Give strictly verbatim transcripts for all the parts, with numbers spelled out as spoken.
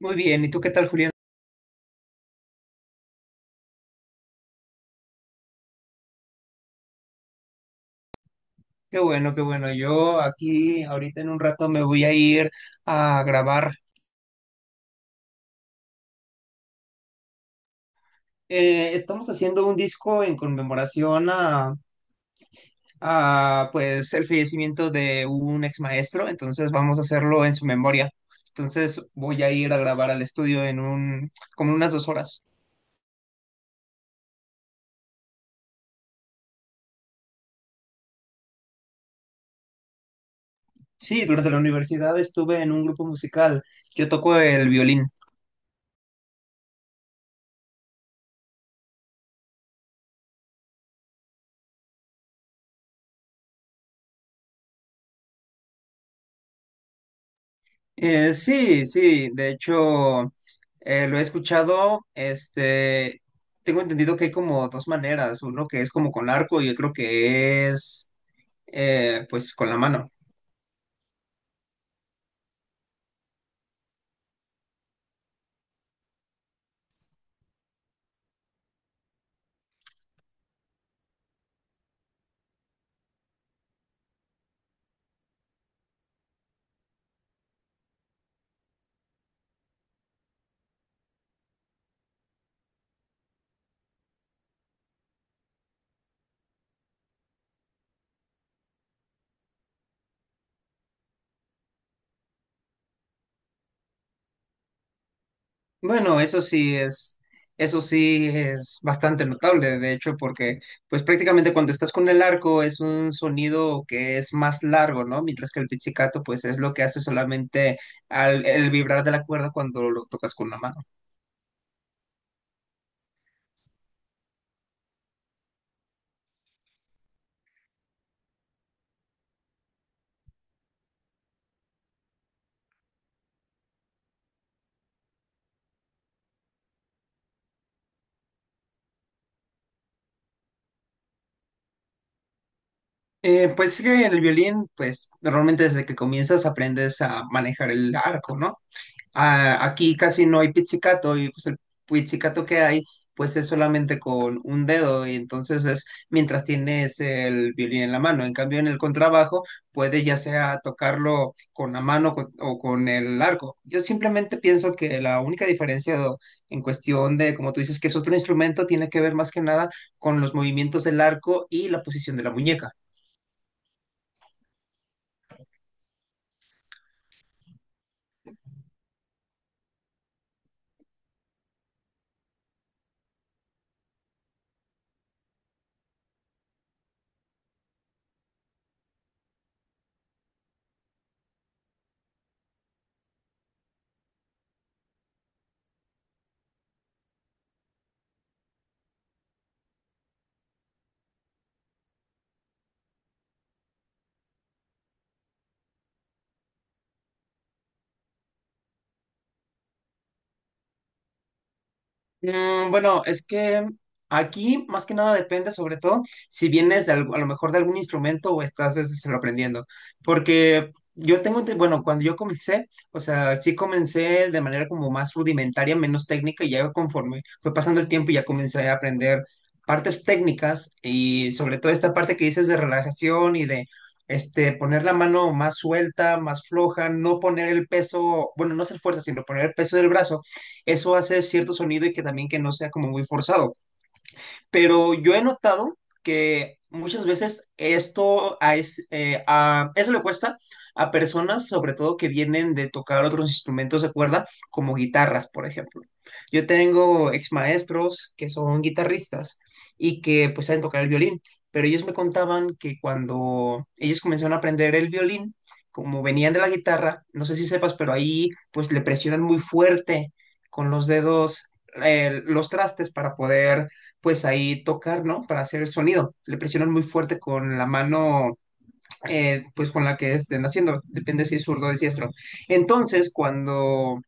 Muy bien, ¿y tú qué tal, Julián? Qué bueno, qué bueno. Yo aquí ahorita en un rato me voy a ir a grabar. Eh, estamos haciendo un disco en conmemoración a, a, pues el fallecimiento de un ex maestro, entonces vamos a hacerlo en su memoria. Entonces voy a ir a grabar al estudio en un, como unas dos horas. Sí, durante la universidad estuve en un grupo musical. Yo toco el violín. Eh, sí, sí, de hecho eh, lo he escuchado, este, tengo entendido que hay como dos maneras, uno que es como con arco y otro que es eh, pues con la mano. Bueno, eso sí es, eso sí es bastante notable, de hecho, porque pues prácticamente cuando estás con el arco es un sonido que es más largo, ¿no? Mientras que el pizzicato pues es lo que hace solamente al, el vibrar de la cuerda cuando lo tocas con la mano. Eh, pues sí que el violín, pues normalmente desde que comienzas aprendes a manejar el arco, ¿no? Ah, aquí casi no hay pizzicato y pues el pizzicato que hay, pues es solamente con un dedo y entonces es mientras tienes el violín en la mano. En cambio, en el contrabajo puedes ya sea tocarlo con la mano co- o con el arco. Yo simplemente pienso que la única diferencia o- en cuestión de, como tú dices, que es otro instrumento, tiene que ver más que nada con los movimientos del arco y la posición de la muñeca. Mm, bueno, es que aquí más que nada depende sobre todo si vienes de algo- a lo mejor de algún instrumento o estás desde cero aprendiendo. Porque yo tengo, ente- bueno, cuando yo comencé, o sea, sí comencé de manera como más rudimentaria, menos técnica y ya conforme fue pasando el tiempo ya comencé a aprender partes técnicas y sobre todo esta parte que dices de relajación y de... Este, poner la mano más suelta, más floja, no poner el peso, bueno, no hacer fuerza, sino poner el peso del brazo eso hace cierto sonido y que también que no sea como muy forzado. Pero yo he notado que muchas veces esto a, es- eh, a- eso le cuesta a personas, sobre todo que vienen de tocar otros instrumentos de cuerda, como guitarras, por ejemplo. Yo tengo ex maestros que son guitarristas y que pues saben tocar el violín, pero ellos me contaban que cuando ellos comenzaron a aprender el violín, como venían de la guitarra, no sé si sepas, pero ahí pues le presionan muy fuerte con los dedos eh, los trastes para poder pues ahí tocar, ¿no? Para hacer el sonido. Le presionan muy fuerte con la mano, eh, pues con la que estén haciendo, depende si es zurdo o diestro. Entonces, cuando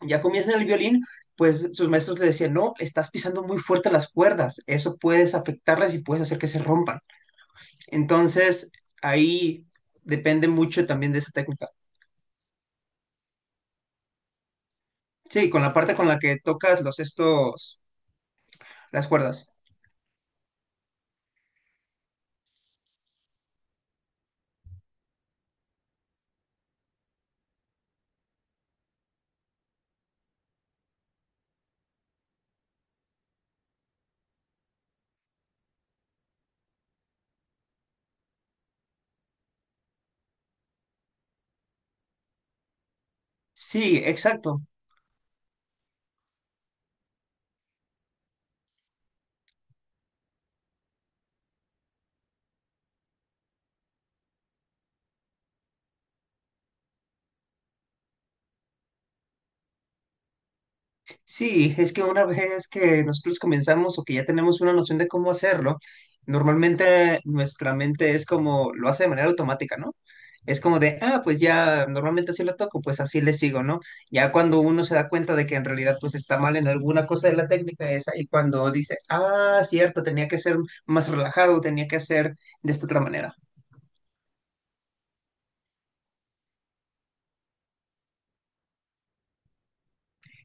ya comienzan el violín, pues sus maestros le decían, no, estás pisando muy fuerte las cuerdas, eso puedes afectarlas y puedes hacer que se rompan. Entonces, ahí depende mucho también de esa técnica. Sí, con la parte con la que tocas los estos, las cuerdas. Sí, exacto. Sí, es que una vez que nosotros comenzamos o que ya tenemos una noción de cómo hacerlo, normalmente nuestra mente es como lo hace de manera automática, ¿no? Es como de, ah, pues ya normalmente así lo toco, pues así le sigo, ¿no? Ya cuando uno se da cuenta de que en realidad pues está mal en alguna cosa de la técnica esa y cuando dice, ah, cierto, tenía que ser más relajado, tenía que ser de esta otra manera.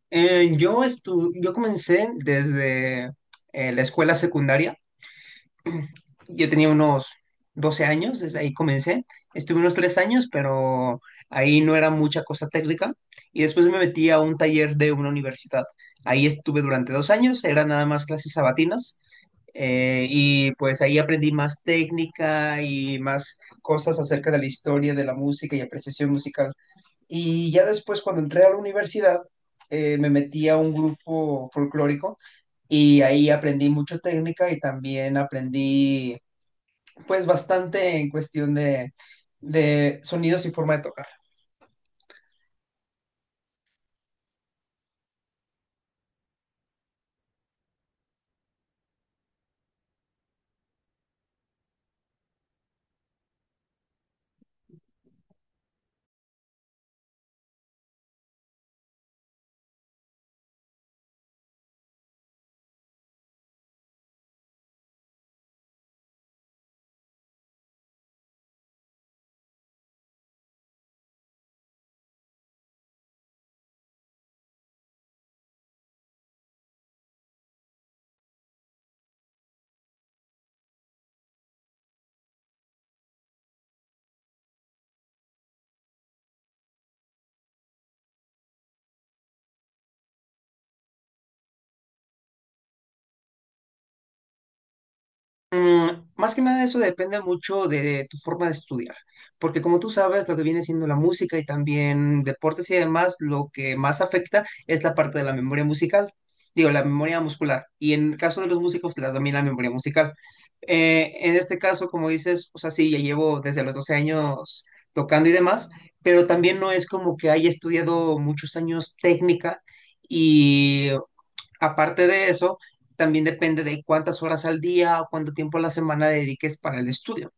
Eh, yo estu yo comencé desde eh, la escuela secundaria. Yo tenía unos doce años, desde ahí comencé. Estuve unos tres años, pero ahí no era mucha cosa técnica. Y después me metí a un taller de una universidad. Ahí estuve durante dos años, eran nada más clases sabatinas. Eh, y pues ahí aprendí más técnica y más cosas acerca de la historia de la música y apreciación musical. Y ya después, cuando entré a la universidad, eh, me metí a un grupo folclórico y ahí aprendí mucho técnica y también aprendí pues bastante en cuestión de, de sonidos y forma de tocar. Mm, más que nada eso depende mucho de tu forma de estudiar, porque como tú sabes, lo que viene siendo la música y también deportes y demás, lo que más afecta es la parte de la memoria musical, digo, la memoria muscular, y en el caso de los músicos, la- también la memoria musical. Eh, en este caso, como dices, o sea, sí, ya llevo desde los doce años tocando y demás, pero también no es como que haya estudiado muchos años técnica. y Aparte de eso, también depende de cuántas horas al día o cuánto tiempo a la semana dediques para el estudio.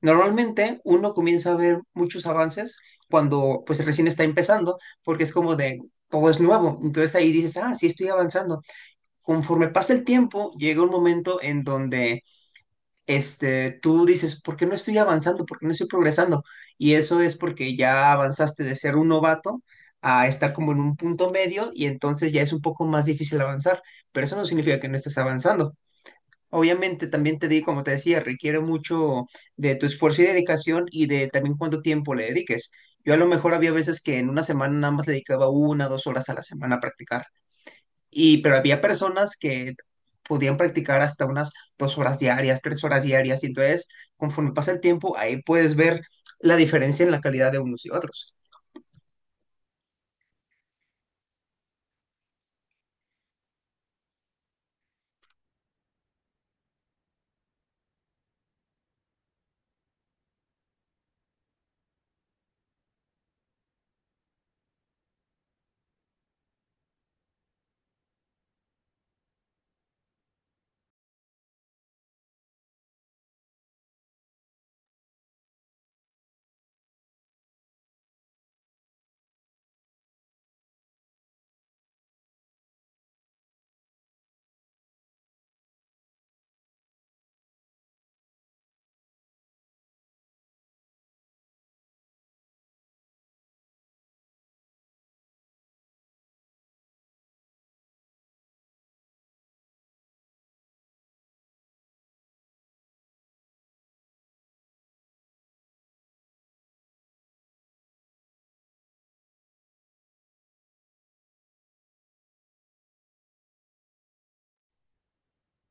Normalmente uno comienza a ver muchos avances cuando pues recién está empezando, porque es como de todo es nuevo. Entonces ahí dices, ah, sí estoy avanzando. Conforme pasa el tiempo, llega un momento en donde este, tú dices, ¿por qué no estoy avanzando? ¿Por qué no estoy progresando? Y eso es porque ya avanzaste de ser un novato a estar como en un punto medio y entonces ya es un poco más difícil avanzar, pero eso no significa que no estés avanzando. Obviamente también te di, como te decía, requiere mucho de tu esfuerzo y dedicación y de también cuánto tiempo le dediques. Yo a lo mejor había veces que en una semana nada más le dedicaba una, dos horas a la semana a practicar. Y, pero había personas que podían practicar hasta unas dos horas diarias, tres horas diarias. Y entonces, conforme pasa el tiempo, ahí puedes ver la diferencia en la calidad de unos y otros.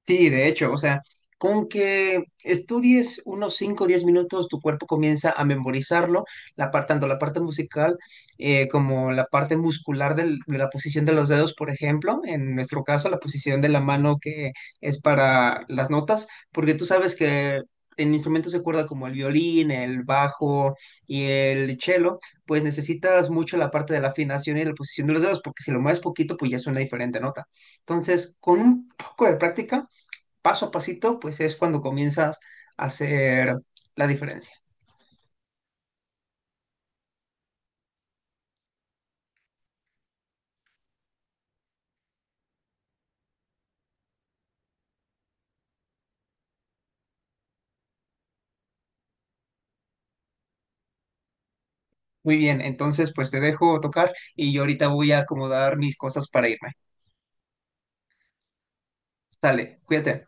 Sí, de hecho, o sea, con que estudies unos cinco, o diez minutos, tu cuerpo comienza a memorizarlo, la par- tanto la parte musical eh, como la parte muscular del- de la posición de los dedos, por ejemplo, en nuestro caso, la posición de la mano que es para las notas, porque tú sabes que en instrumentos de cuerda como el violín, el bajo y el cello, pues necesitas mucho la parte de la afinación y la posición de los dedos, porque si lo mueves poquito, pues ya suena diferente nota. Entonces, con un poco de práctica, paso a pasito, pues es cuando comienzas a hacer la diferencia. Muy bien, entonces pues te dejo tocar y yo ahorita voy a acomodar mis cosas para irme. Dale, cuídate.